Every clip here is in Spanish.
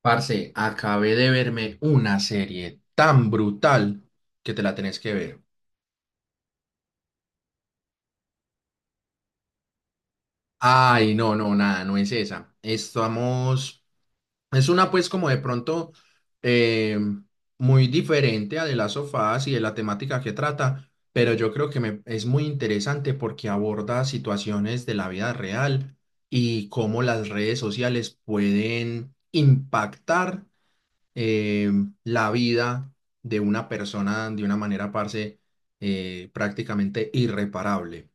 Parce, acabé de verme una serie tan brutal que te la tenés que ver. Ay, no, no, nada, no es esa. Es una pues como de pronto eh, muy diferente a de las sofás y de la temática que trata, pero yo creo es muy interesante porque aborda situaciones de la vida real y cómo las redes sociales pueden impactar eh, la vida de una persona de una manera, parce, prácticamente irreparable.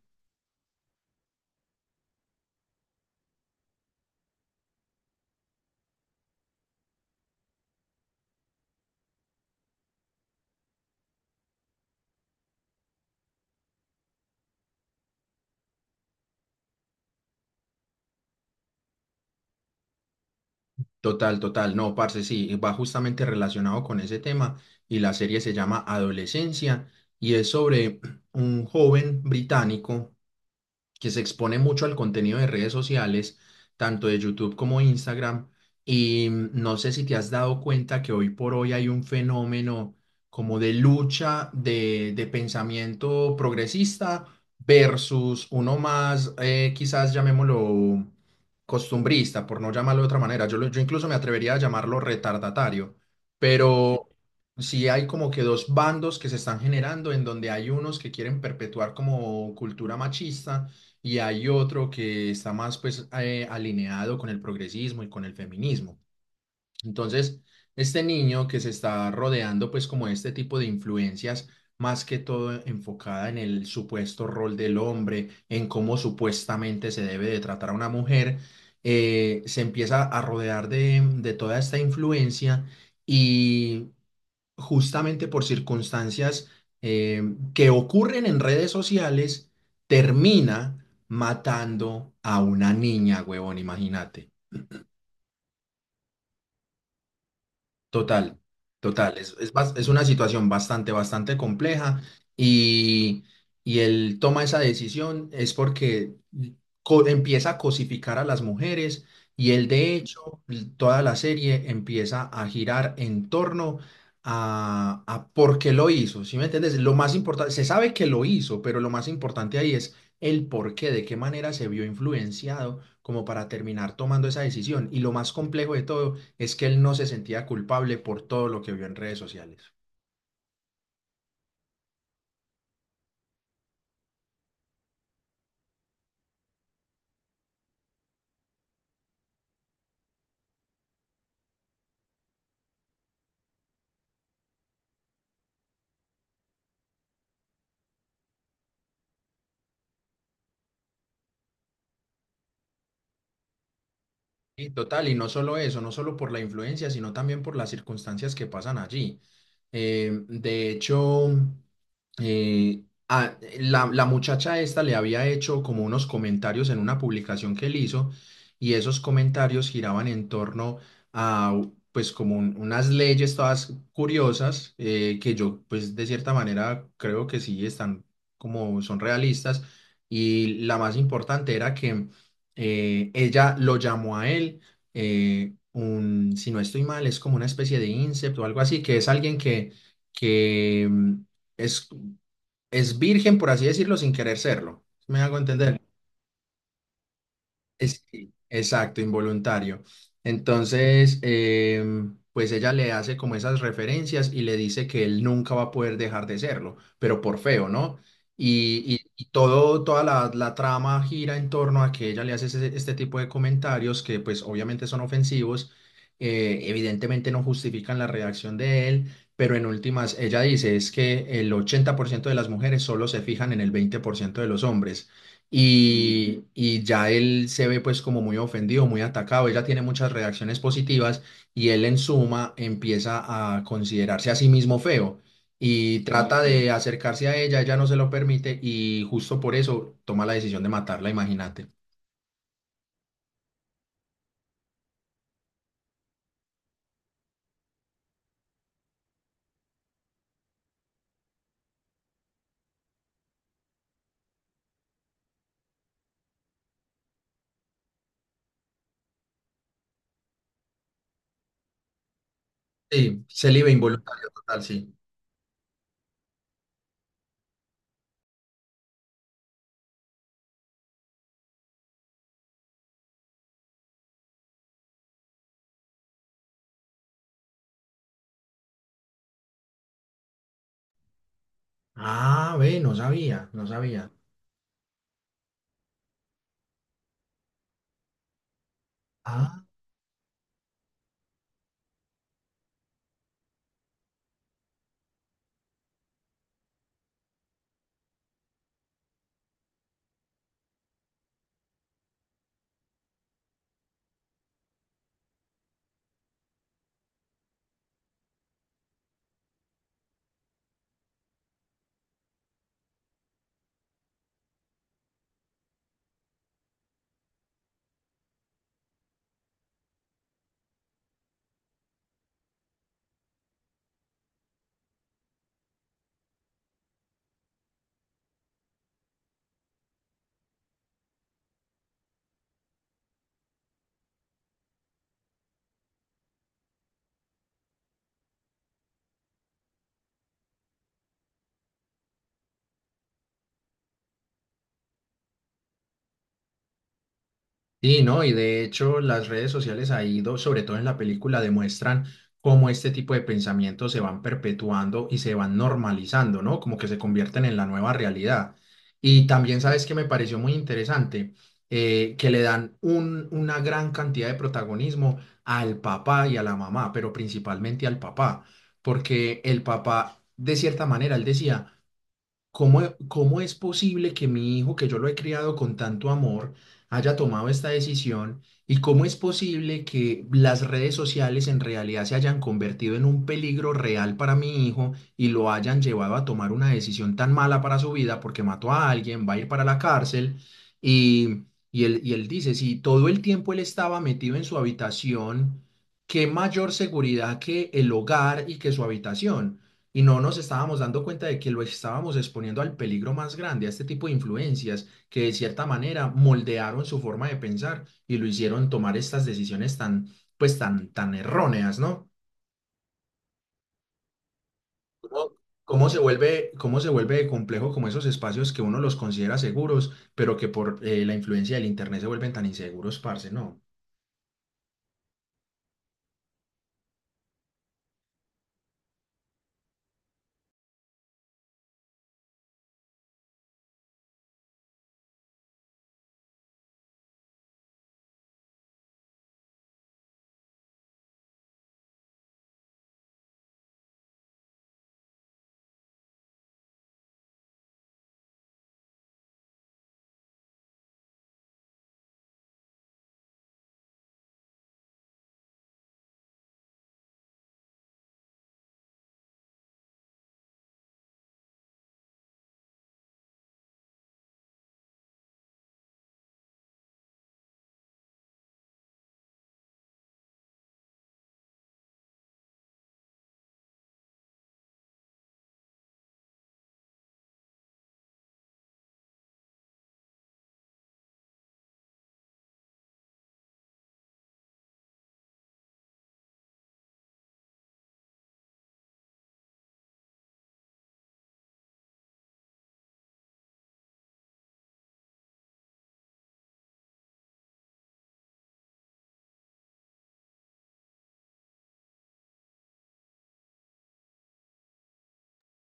Total, total. No, parce, sí, va justamente relacionado con ese tema y la serie se llama Adolescencia y es sobre un joven británico que se expone mucho al contenido de redes sociales, tanto de YouTube como Instagram. Y no sé si te has dado cuenta que hoy por hoy hay un fenómeno como de lucha de pensamiento progresista versus uno más, quizás llamémoslo costumbrista, por no llamarlo de otra manera. Yo incluso me atrevería a llamarlo retardatario, pero sí hay como que dos bandos que se están generando en donde hay unos que quieren perpetuar como cultura machista y hay otro que está más pues alineado con el progresismo y con el feminismo. Entonces, este niño que se está rodeando pues como este tipo de influencias, más que todo enfocada en el supuesto rol del hombre, en cómo supuestamente se debe de tratar a una mujer, se empieza a rodear de toda esta influencia y justamente por circunstancias eh, que ocurren en redes sociales, termina matando a una niña, huevón, imagínate. Total, total. Es una situación bastante, bastante compleja y, y él toma esa decisión es porque empieza a cosificar a las mujeres y él de hecho toda la serie empieza a girar en torno a por qué lo hizo. ¿Sí me entiendes? Lo más importante, se sabe que lo hizo, pero lo más importante ahí es el por qué, de qué manera se vio influenciado como para terminar tomando esa decisión. Y lo más complejo de todo es que él no se sentía culpable por todo lo que vio en redes sociales. Sí, total, y no solo eso, no solo por la influencia, sino también por las circunstancias que pasan allí. De hecho, la muchacha esta le había hecho como unos comentarios en una publicación que él hizo, y esos comentarios giraban en torno a, pues, como unas leyes todas curiosas, que yo, pues, de cierta manera creo que sí están como son realistas, y la más importante era que ella lo llamó a él, si no estoy mal, es como una especie de incept o algo así, que es alguien que, que mm, es, es virgen, por así decirlo, sin querer serlo. ¿Sí? ¿Me hago entender? Sí, exacto, involuntario. Entonces, pues ella le hace como esas referencias y le dice que él nunca va a poder dejar de serlo, pero por feo, ¿no? Y toda la trama gira en torno a que ella le hace este tipo de comentarios que pues obviamente son ofensivos, evidentemente no justifican la reacción de él, pero en últimas ella dice es que el 80% de las mujeres solo se fijan en el 20% de los hombres y ya él se ve pues como muy ofendido, muy atacado, ella tiene muchas reacciones positivas y él en suma empieza a considerarse a sí mismo feo y trata de acercarse a ella, ella no se lo permite y justo por eso toma la decisión de matarla, imagínate. Sí, célibe involuntario total, sí. Ah, ve, no sabía, no sabía. ah Sí, ¿no? Y de hecho las redes sociales ha ido, sobre todo en la película, demuestran cómo este tipo de pensamientos se van perpetuando y se van normalizando, ¿no? Como que se convierten en la nueva realidad. Y también, ¿sabes que me pareció muy interesante? Que le dan una gran cantidad de protagonismo al papá y a la mamá, pero principalmente al papá, porque el papá, de cierta manera, él decía... ¿Cómo es posible que mi hijo, que yo lo he criado con tanto amor, haya tomado esta decisión? ¿Y cómo es posible que las redes sociales en realidad se hayan convertido en un peligro real para mi hijo y lo hayan llevado a tomar una decisión tan mala para su vida porque mató a alguien, va a ir para la cárcel? Y, y él dice, si todo el tiempo él estaba metido en su habitación, ¿qué mayor seguridad que el hogar y que su habitación? Y no nos estábamos dando cuenta de que lo estábamos exponiendo al peligro más grande, a este tipo de influencias que de cierta manera moldearon su forma de pensar y lo hicieron tomar estas decisiones tan, pues tan, tan erróneas, ¿no? ¿Cómo, cómo se vuelve de complejo como esos espacios que uno los considera seguros, pero que por la influencia del internet se vuelven tan inseguros, parce, ¿no?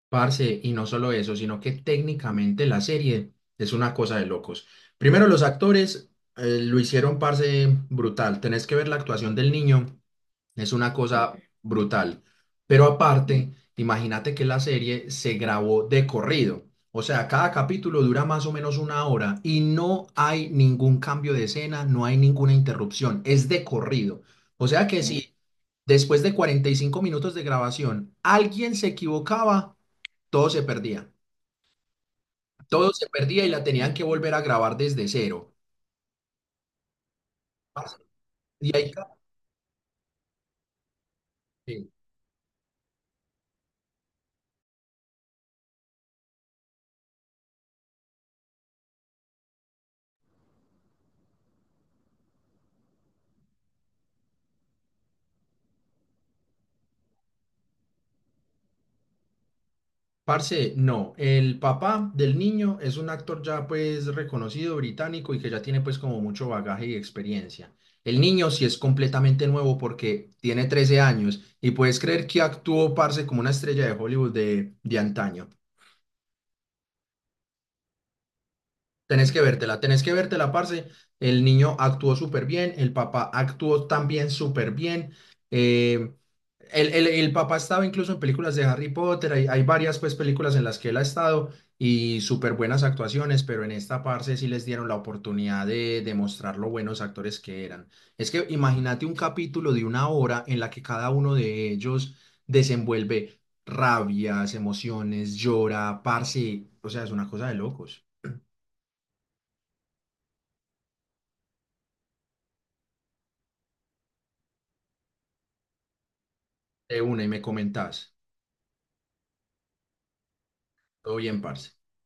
Parce, y no solo eso, sino que técnicamente la serie es una cosa de locos. Primero, los actores lo hicieron, parce, brutal. Tenés que ver la actuación del niño, es una cosa brutal. Pero aparte, imagínate que la serie se grabó de corrido. O sea, cada capítulo dura más o menos una hora y no hay ningún cambio de escena, no hay ninguna interrupción, es de corrido. O sea que si después de 45 minutos de grabación alguien se equivocaba, todo se perdía. Todo se perdía y la tenían que volver a grabar desde cero. Parce, y ahí, sí. Parce, no, el papá del niño es un actor ya pues reconocido británico y que ya tiene pues como mucho bagaje y experiencia. El niño sí es completamente nuevo porque tiene 13 años y puedes creer que actuó, parce, como una estrella de Hollywood de antaño. Tenés que vértela, parce. El niño actuó súper bien, el papá actuó también súper bien. eh, el papá estaba incluso en películas de Harry Potter, hay varias pues películas en las que él ha estado y súper buenas actuaciones, pero en esta parce sí les dieron la oportunidad de demostrar lo buenos actores que eran. Es que imagínate un capítulo de una hora en la que cada uno de ellos desenvuelve rabias, emociones, llora, parce, o sea, es una cosa de locos. De una y me comentás. Todo bien, parce.